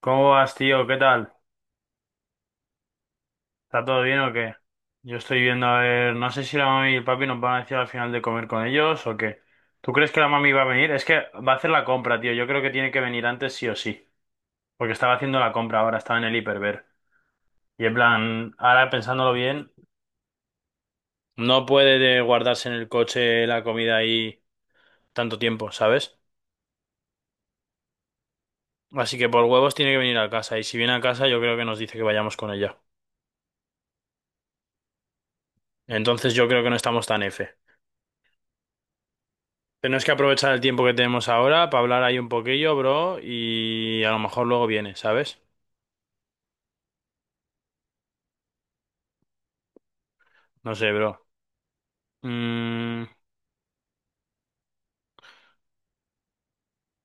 ¿Cómo vas, tío? ¿Qué tal? ¿Está todo bien o qué? Yo estoy viendo, a ver, no sé si la mami y el papi nos van a decir al final de comer con ellos o qué. ¿Tú crees que la mami va a venir? Es que va a hacer la compra, tío. Yo creo que tiene que venir antes sí o sí. Porque estaba haciendo la compra ahora, estaba en el hiperver. Y en plan, ahora pensándolo bien, no puede de guardarse en el coche la comida ahí tanto tiempo, ¿sabes? Así que por huevos tiene que venir a casa. Y si viene a casa, yo creo que nos dice que vayamos con ella. Entonces yo creo que no estamos tan F. Tenemos que aprovechar el tiempo que tenemos ahora para hablar ahí un poquillo, bro, y a lo mejor luego viene, ¿sabes? No sé, bro. Mm,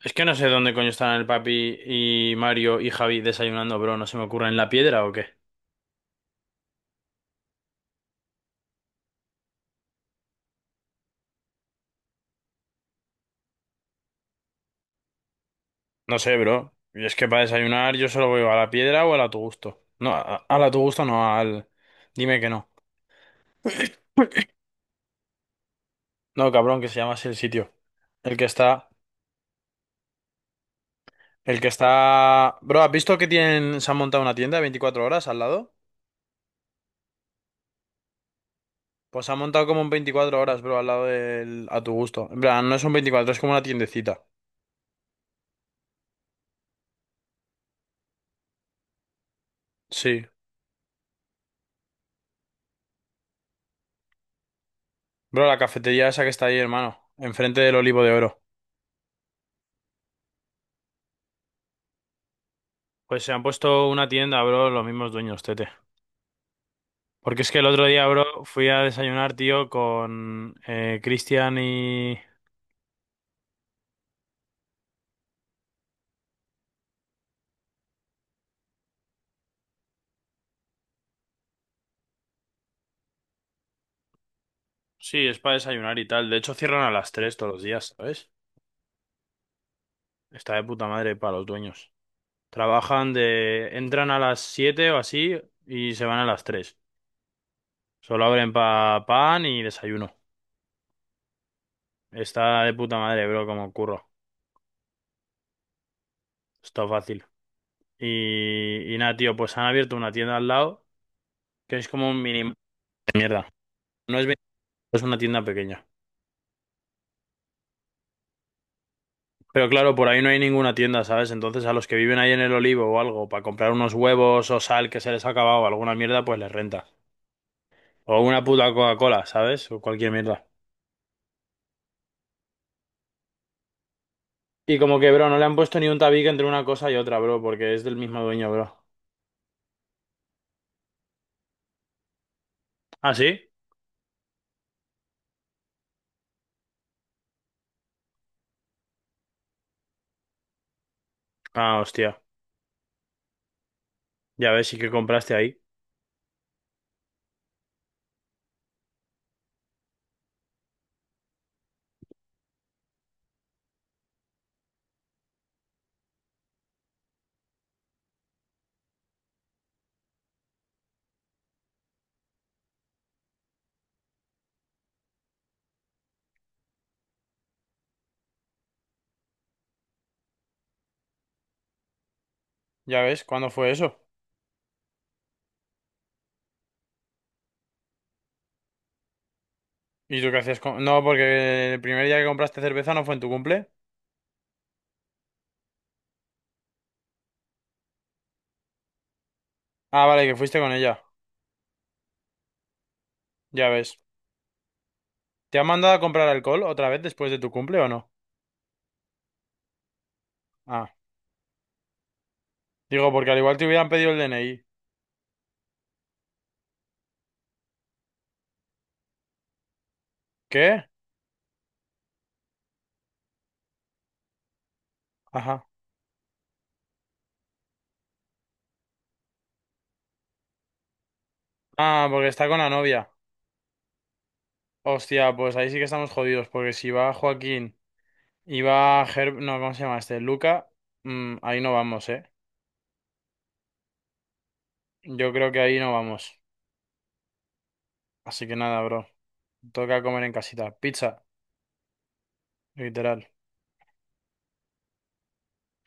es que no sé dónde coño están el papi y Mario y Javi desayunando, bro. ¿No se me ocurre en la piedra o qué? No sé, bro. Y es que para desayunar yo solo voy a la piedra o al a tu gusto. No, a, al a la tu gusto no, al... Dime que no. No, cabrón, que se llama así el sitio. El que está... El que está... Bro, ¿has visto que tienen... se han montado una tienda 24 horas al lado? Pues ha montado como un 24 horas, bro, al lado del... a tu gusto. En plan, no son 24, es como una tiendecita. Sí. Bro, la cafetería esa que está ahí, hermano. Enfrente del Olivo de Oro. Pues se han puesto una tienda, bro, los mismos dueños, tete. Porque es que el otro día, bro, fui a desayunar, tío, con Cristian y... Sí, es para desayunar y tal. De hecho, cierran a las 3 todos los días, ¿sabes? Está de puta madre para los dueños. Trabajan de... Entran a las 7 o así y se van a las 3. Solo abren pa pan y desayuno. Está de puta madre, bro, como curro. Está fácil. Y nada, tío, pues han abierto una tienda al lado que es como un mini de mierda. No es, es una tienda pequeña. Pero claro, por ahí no hay ninguna tienda, ¿sabes? Entonces a los que viven ahí en el Olivo o algo, para comprar unos huevos o sal que se les ha acabado, alguna mierda, pues les renta. O una puta Coca-Cola, ¿sabes? O cualquier mierda. Y como que, bro, no le han puesto ni un tabique entre una cosa y otra, bro, porque es del mismo dueño, bro. ¿Ah, sí? Ah, hostia. Ya ves, sí que compraste ahí. Ya ves, ¿cuándo fue eso? ¿Y tú qué hacías con...? No, porque el primer día que compraste cerveza no fue en tu cumple. Ah, vale, que fuiste con ella. Ya ves. ¿Te han mandado a comprar alcohol otra vez después de tu cumple o no? Ah. Digo, porque al igual te hubieran pedido el DNI. ¿Qué? Ajá. Ah, porque está con la novia. Hostia, pues ahí sí que estamos jodidos, porque si va Joaquín y va Herb... No, ¿cómo se llama este? Luca. Ahí no vamos, ¿eh? Yo creo que ahí no vamos. Así que nada, bro. Toca comer en casita. Pizza, literal.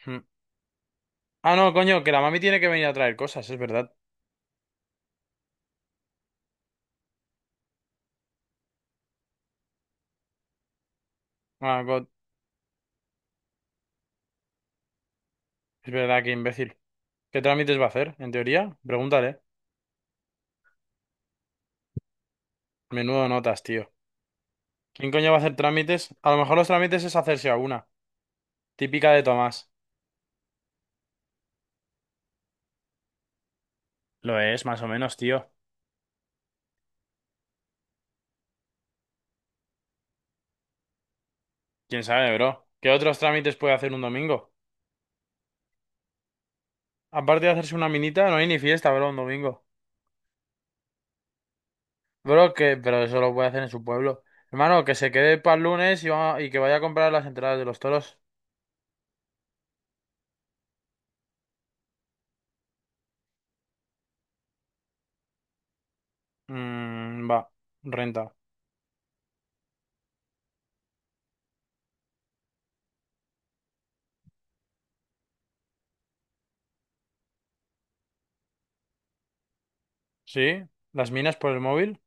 Mm. Ah, no, coño, que la mami tiene que venir a traer cosas, es verdad. Ah, God, es verdad, que imbécil. ¿Qué trámites va a hacer, en teoría? Pregúntale. Menudo notas, tío. ¿Quién coño va a hacer trámites? A lo mejor los trámites es hacerse a una. Típica de Tomás. Lo es, más o menos, tío. ¿Quién sabe, bro? ¿Qué otros trámites puede hacer un domingo? Aparte de hacerse una minita, no hay ni fiesta, bro, un domingo. Bro, que... Pero eso lo puede hacer en su pueblo. Hermano, que se quede para el lunes y, y que vaya a comprar las entradas de los toros. Mmm, va. Renta. ¿Sí? ¿Las minas por el móvil?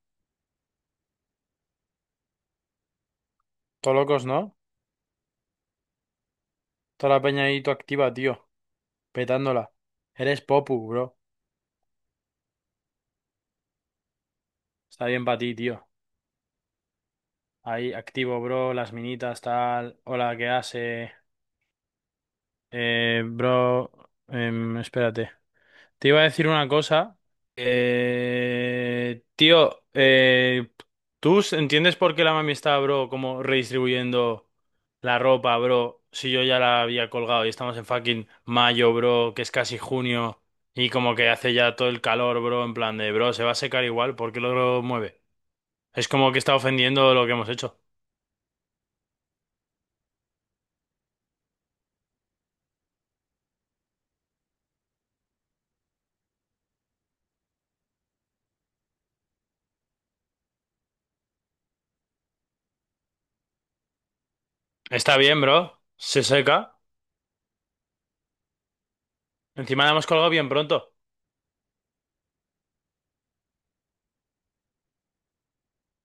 Todo locos, ¿no? Toda la peña ahí, tú activa, tío. Petándola. Eres Popu, bro. Está bien para ti, tío. Ahí, activo, bro. Las minitas, tal. Hola, ¿qué hace? Bro. Espérate. Te iba a decir una cosa. Tío, ¿tú entiendes por qué la mami está, bro, como redistribuyendo la ropa, bro? Si yo ya la había colgado y estamos en fucking mayo, bro, que es casi junio y como que hace ya todo el calor, bro, en plan de, bro, se va a secar igual, ¿por qué lo mueve? Es como que está ofendiendo lo que hemos hecho. Está bien, bro. Se seca. Encima la hemos colgado bien pronto.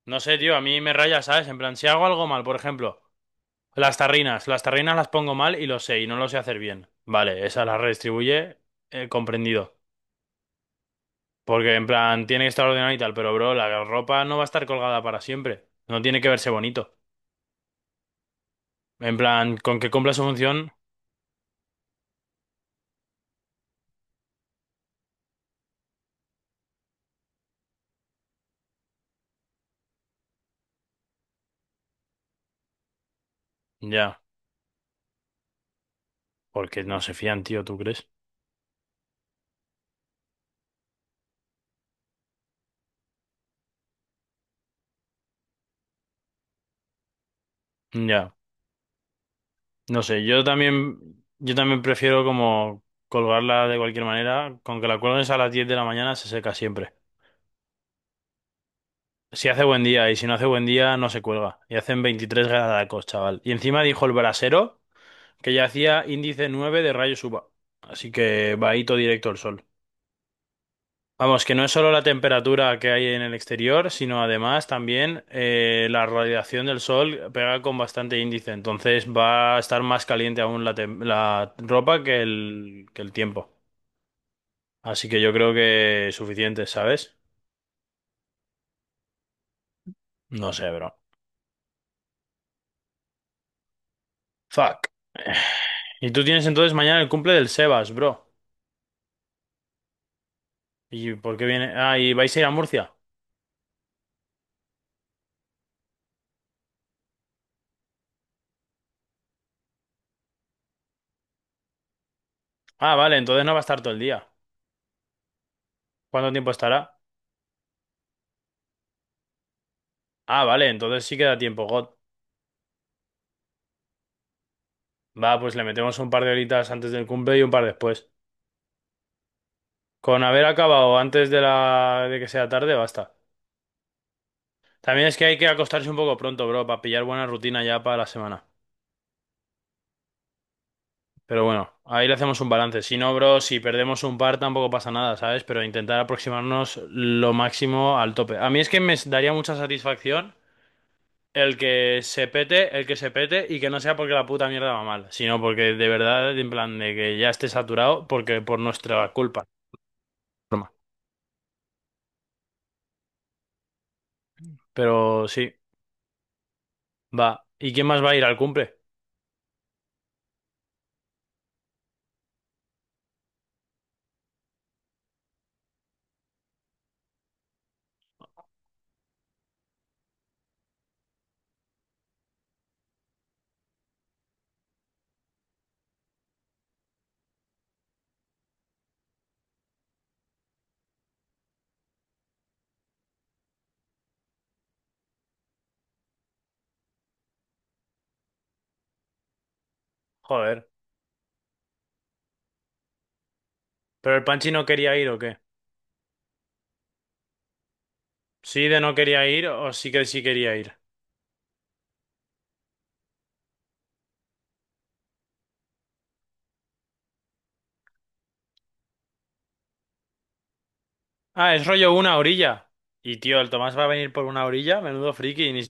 No sé, tío, a mí me raya, ¿sabes? En plan, si hago algo mal, por ejemplo, las tarrinas. Las tarrinas las pongo mal y lo sé, y no lo sé hacer bien. Vale, esa la redistribuye, comprendido. Porque en plan, tiene que estar ordenado y tal, pero bro, la ropa no va a estar colgada para siempre. No tiene que verse bonito. En plan, con que cumpla su función, ya. Porque no se fían, tío, ¿tú crees? Ya. No sé, yo también prefiero como colgarla de cualquier manera. Con que la cuelgues a las 10 de la mañana se seca siempre. Si hace buen día y si no hace buen día no se cuelga. Y hacen 23 grados, chaval. Y encima dijo el brasero que ya hacía índice 9 de rayos UVA. Así que va ahí todo directo al sol. Vamos, que no es solo la temperatura que hay en el exterior, sino además también la radiación del sol pega con bastante índice. Entonces va a estar más caliente aún la, la ropa que el tiempo. Así que yo creo que suficiente, ¿sabes? No sé, bro. Fuck. Y tú tienes entonces mañana el cumple del Sebas, bro. ¿Y por qué viene? Ah, ¿y vais a ir a Murcia? Ah, vale, entonces no va a estar todo el día. ¿Cuánto tiempo estará? Ah, vale, entonces sí queda tiempo, God. Va, pues le metemos un par de horitas antes del cumple y un par después. Con haber acabado antes de la de que sea tarde, basta. También es que hay que acostarse un poco pronto, bro, para pillar buena rutina ya para la semana. Pero bueno, ahí le hacemos un balance. Si no, bro, si perdemos un par tampoco pasa nada, ¿sabes? Pero intentar aproximarnos lo máximo al tope. A mí es que me daría mucha satisfacción el que se pete, el que se pete y que no sea porque la puta mierda va mal, sino porque de verdad, en plan de que ya esté saturado, porque por nuestra culpa. Broma. Pero sí, va. ¿Y quién más va a ir al cumple? Joder. ¿Pero el Panchi no quería ir o qué? ¿Sí de no quería ir o sí que sí quería ir? Ah, es rollo una orilla. Y tío, el Tomás va a venir por una orilla, menudo friki, y ni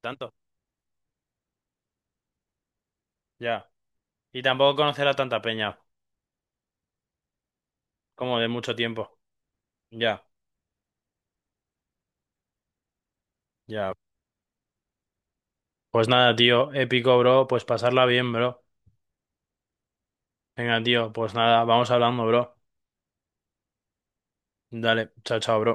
tanto. Ya. Y tampoco conocerá tanta peña, como de mucho tiempo. Ya, ya. Pues nada, tío, épico, bro. Pues pasarla bien, bro. Venga, tío, pues nada, vamos hablando, bro. Dale, chao, chao, bro.